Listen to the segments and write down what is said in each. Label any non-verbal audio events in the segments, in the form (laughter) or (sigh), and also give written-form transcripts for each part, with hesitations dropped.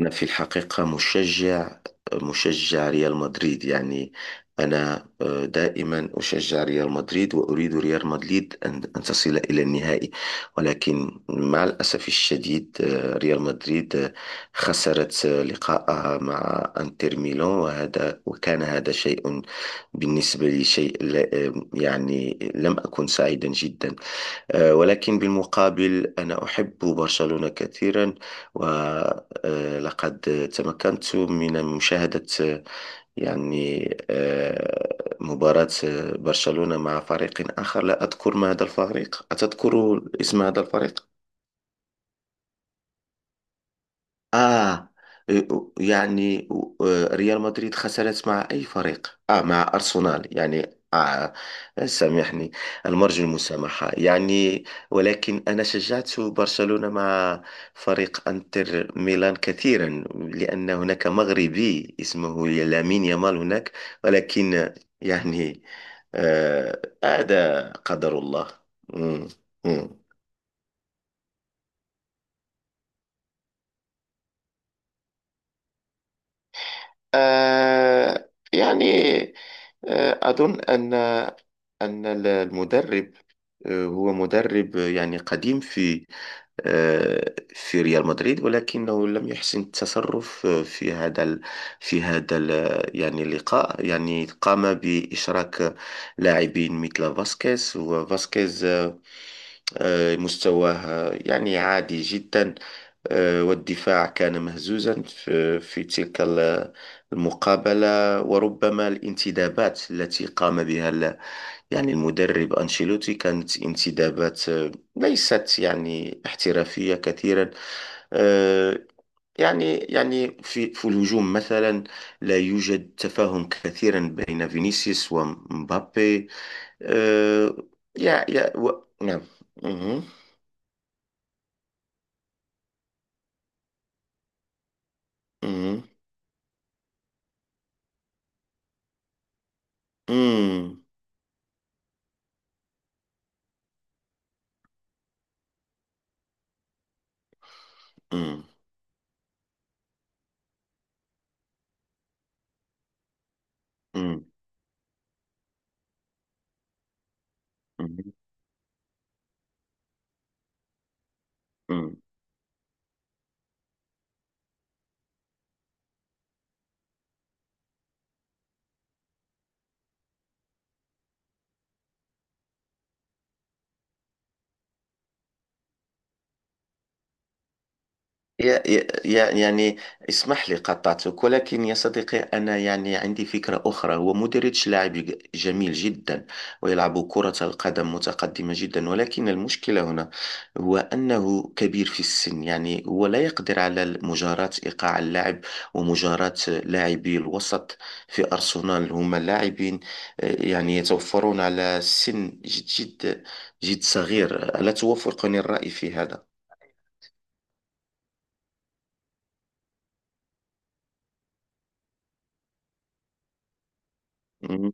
أنا في الحقيقة مشجع ريال مدريد يعني. أنا دائما أشجع ريال مدريد وأريد ريال مدريد أن تصل إلى النهائي. ولكن مع الأسف الشديد ريال مدريد خسرت لقاءها مع أنتر ميلان وكان هذا شيء بالنسبة لي، شيء يعني لم أكن سعيدا جدا. ولكن بالمقابل أنا أحب برشلونة كثيرا. ولقد تمكنت من مشاهدة يعني مباراة برشلونة مع فريق آخر، لا أذكر ما هذا الفريق، أتذكر اسم هذا الفريق؟ آه يعني ريال مدريد خسرت مع أي فريق؟ مع أرسنال يعني سامحني. المرجو المسامحة يعني. ولكن أنا شجعت برشلونة مع فريق أنتر ميلان كثيرا، لأن هناك مغربي اسمه لامين يامال هناك. ولكن يعني هذا قدر الله. مم. مم. يعني أظن أن أن المدرب هو مدرب يعني قديم في في ريال مدريد، ولكنه لم يحسن التصرف في هذا يعني اللقاء. يعني قام بإشراك لاعبين مثل فاسكيز مستواه يعني عادي جدا. والدفاع كان مهزوزا في تلك المقابلة. وربما الانتدابات التي قام بها يعني المدرب أنشيلوتي كانت انتدابات ليست يعني احترافية كثيرا. آه، يعني يعني في الهجوم مثلا لا يوجد تفاهم كثيرا بين فينيسيوس ومبابي. آه، نعم. مهم. مهم. مم. مم. مم. مم. مم. يعني اسمح لي قطعتك، ولكن يا صديقي، أنا يعني عندي فكرة أخرى. هو مودريتش لاعب جميل جدا ويلعب كرة القدم متقدمة جدا، ولكن المشكلة هنا هو أنه كبير في السن، يعني هو لا يقدر على مجاراة إيقاع اللاعب ومجاراة لاعبي الوسط. في أرسنال هم لاعبين يعني يتوفرون على سن جد جد جد صغير، ألا توافقني الرأي في هذا؟ مم.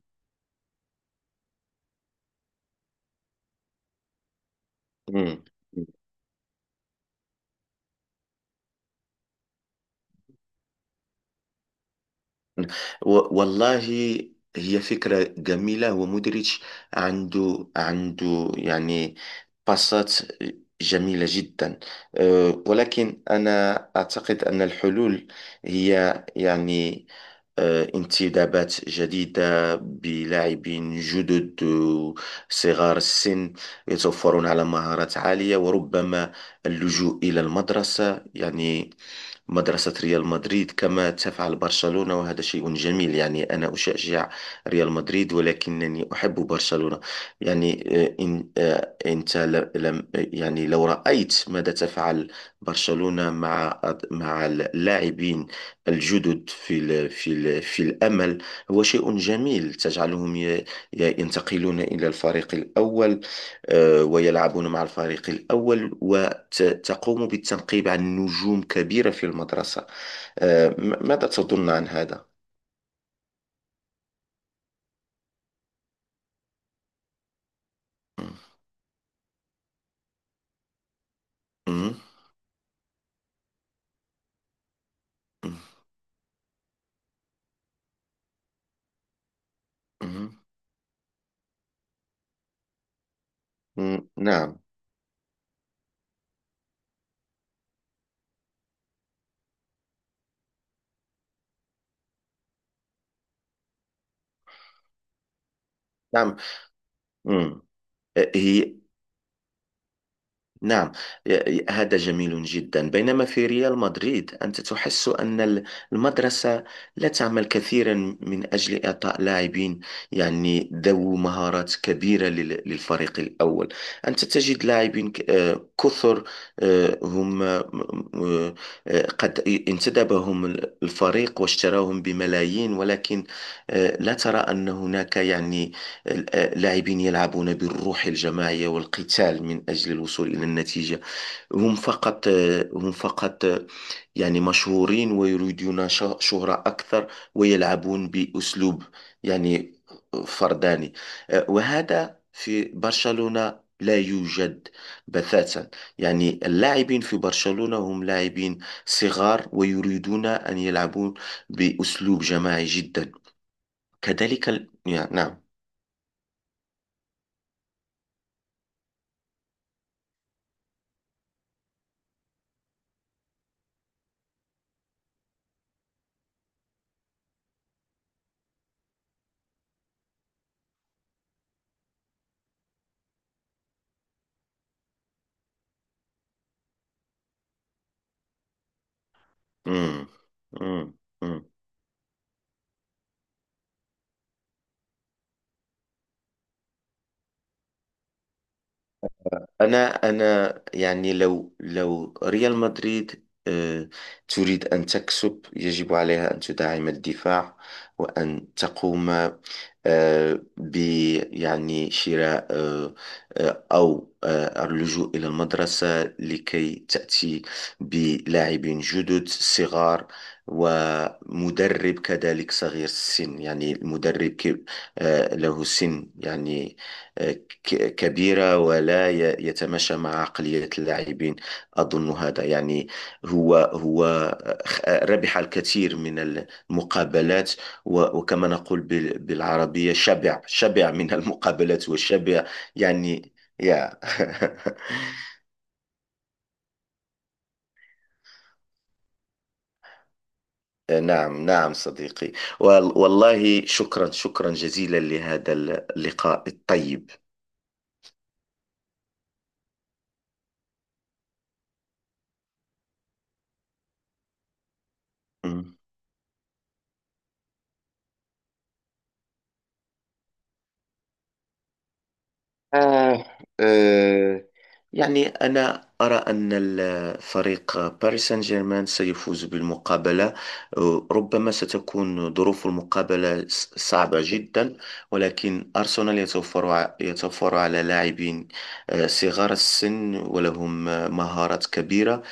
مم. والله، هي فكرة جميلة، ومودريتش عنده يعني باصات جميلة جدا. أه، ولكن أنا أعتقد أن الحلول هي يعني انتدابات جديدة بلاعبين جدد صغار السن، يتوفرون على مهارات عالية، وربما اللجوء إلى المدرسة، يعني مدرسة ريال مدريد كما تفعل برشلونة، وهذا شيء جميل. يعني أنا أشجع ريال مدريد، ولكنني أحب برشلونة. يعني إن أنت لم يعني، لو رأيت ماذا تفعل برشلونة مع اللاعبين الجدد في ال في ال في الأمل، هو شيء جميل. تجعلهم ينتقلون إلى الفريق الأول ويلعبون مع الفريق الأول، وتقوم بالتنقيب عن نجوم كبيرة في المدرسة. ماذا تظن عن هذا؟ مم. مم. مم. مم. نعم، نعم. مم. هي نعم، هذا جميل جدا. بينما في ريال مدريد، أنت تحس أن المدرسة لا تعمل كثيرا من أجل إعطاء لاعبين يعني ذو مهارات كبيرة للفريق الأول. أنت تجد لاعبين كثر، هم قد انتدبهم الفريق واشتراهم بملايين، ولكن لا ترى أن هناك يعني اللاعبين يلعبون بالروح الجماعية والقتال من أجل الوصول إلى النتيجة. هم فقط هم فقط يعني مشهورين ويريدون شهرة أكثر، ويلعبون بأسلوب يعني فرداني. وهذا في برشلونة لا يوجد بتاتا. يعني اللاعبين في برشلونة هم لاعبين صغار ويريدون أن يلعبون بأسلوب جماعي جدا. يعني نعم. امم امم امم انا انا يعني لو ريال مدريد تريد ان تكسب، يجب عليها ان تدعم الدفاع، وان تقوم آه، ب يعني شراء، او اللجوء الى المدرسه لكي تاتي بلاعبين جدد صغار، ومدرب كذلك صغير السن. يعني المدرب له سن يعني آه، كبيرة ولا يتماشى مع عقلية اللاعبين. أظن هذا يعني هو ربح الكثير من المقابلات، وكما نقول بالعربية: شبع شبع من المقابلات وشبع يعني. يا (laughs) نعم، نعم صديقي. وال- والله، شكرا، شكرا جزيلا لهذا اللقاء الطيب. آه آه يعني أنا أرى أن فريق باريس سان جيرمان سيفوز بالمقابلة. ربما ستكون ظروف المقابلة صعبة جدا، ولكن أرسنال يتوفر، يتوفر على لاعبين صغار السن ولهم مهارات كبيرة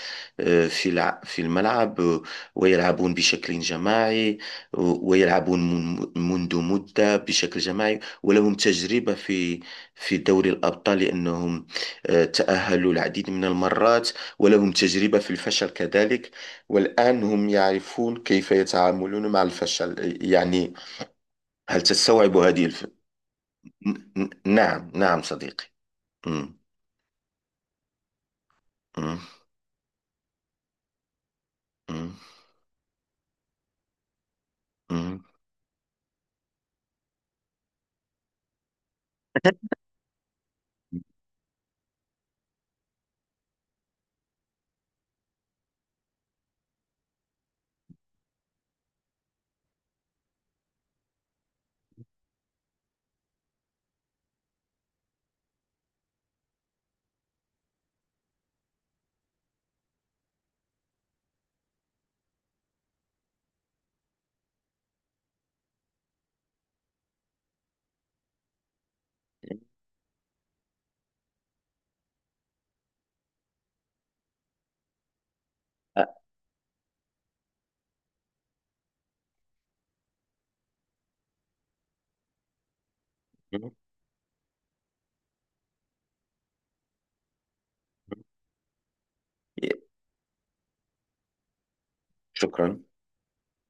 في في الملعب، ويلعبون بشكل جماعي ويلعبون منذ مدة بشكل جماعي، ولهم تجربة في دوري الأبطال، لأنهم تأهلوا العديد من المرات، ولهم تجربة في الفشل كذلك، والآن هم يعرفون كيف يتعاملون مع الفشل يعني. هل تستوعب هذه نعم، نعم صديقي. مم. مم. مم. مم. آه. مم. شكرا.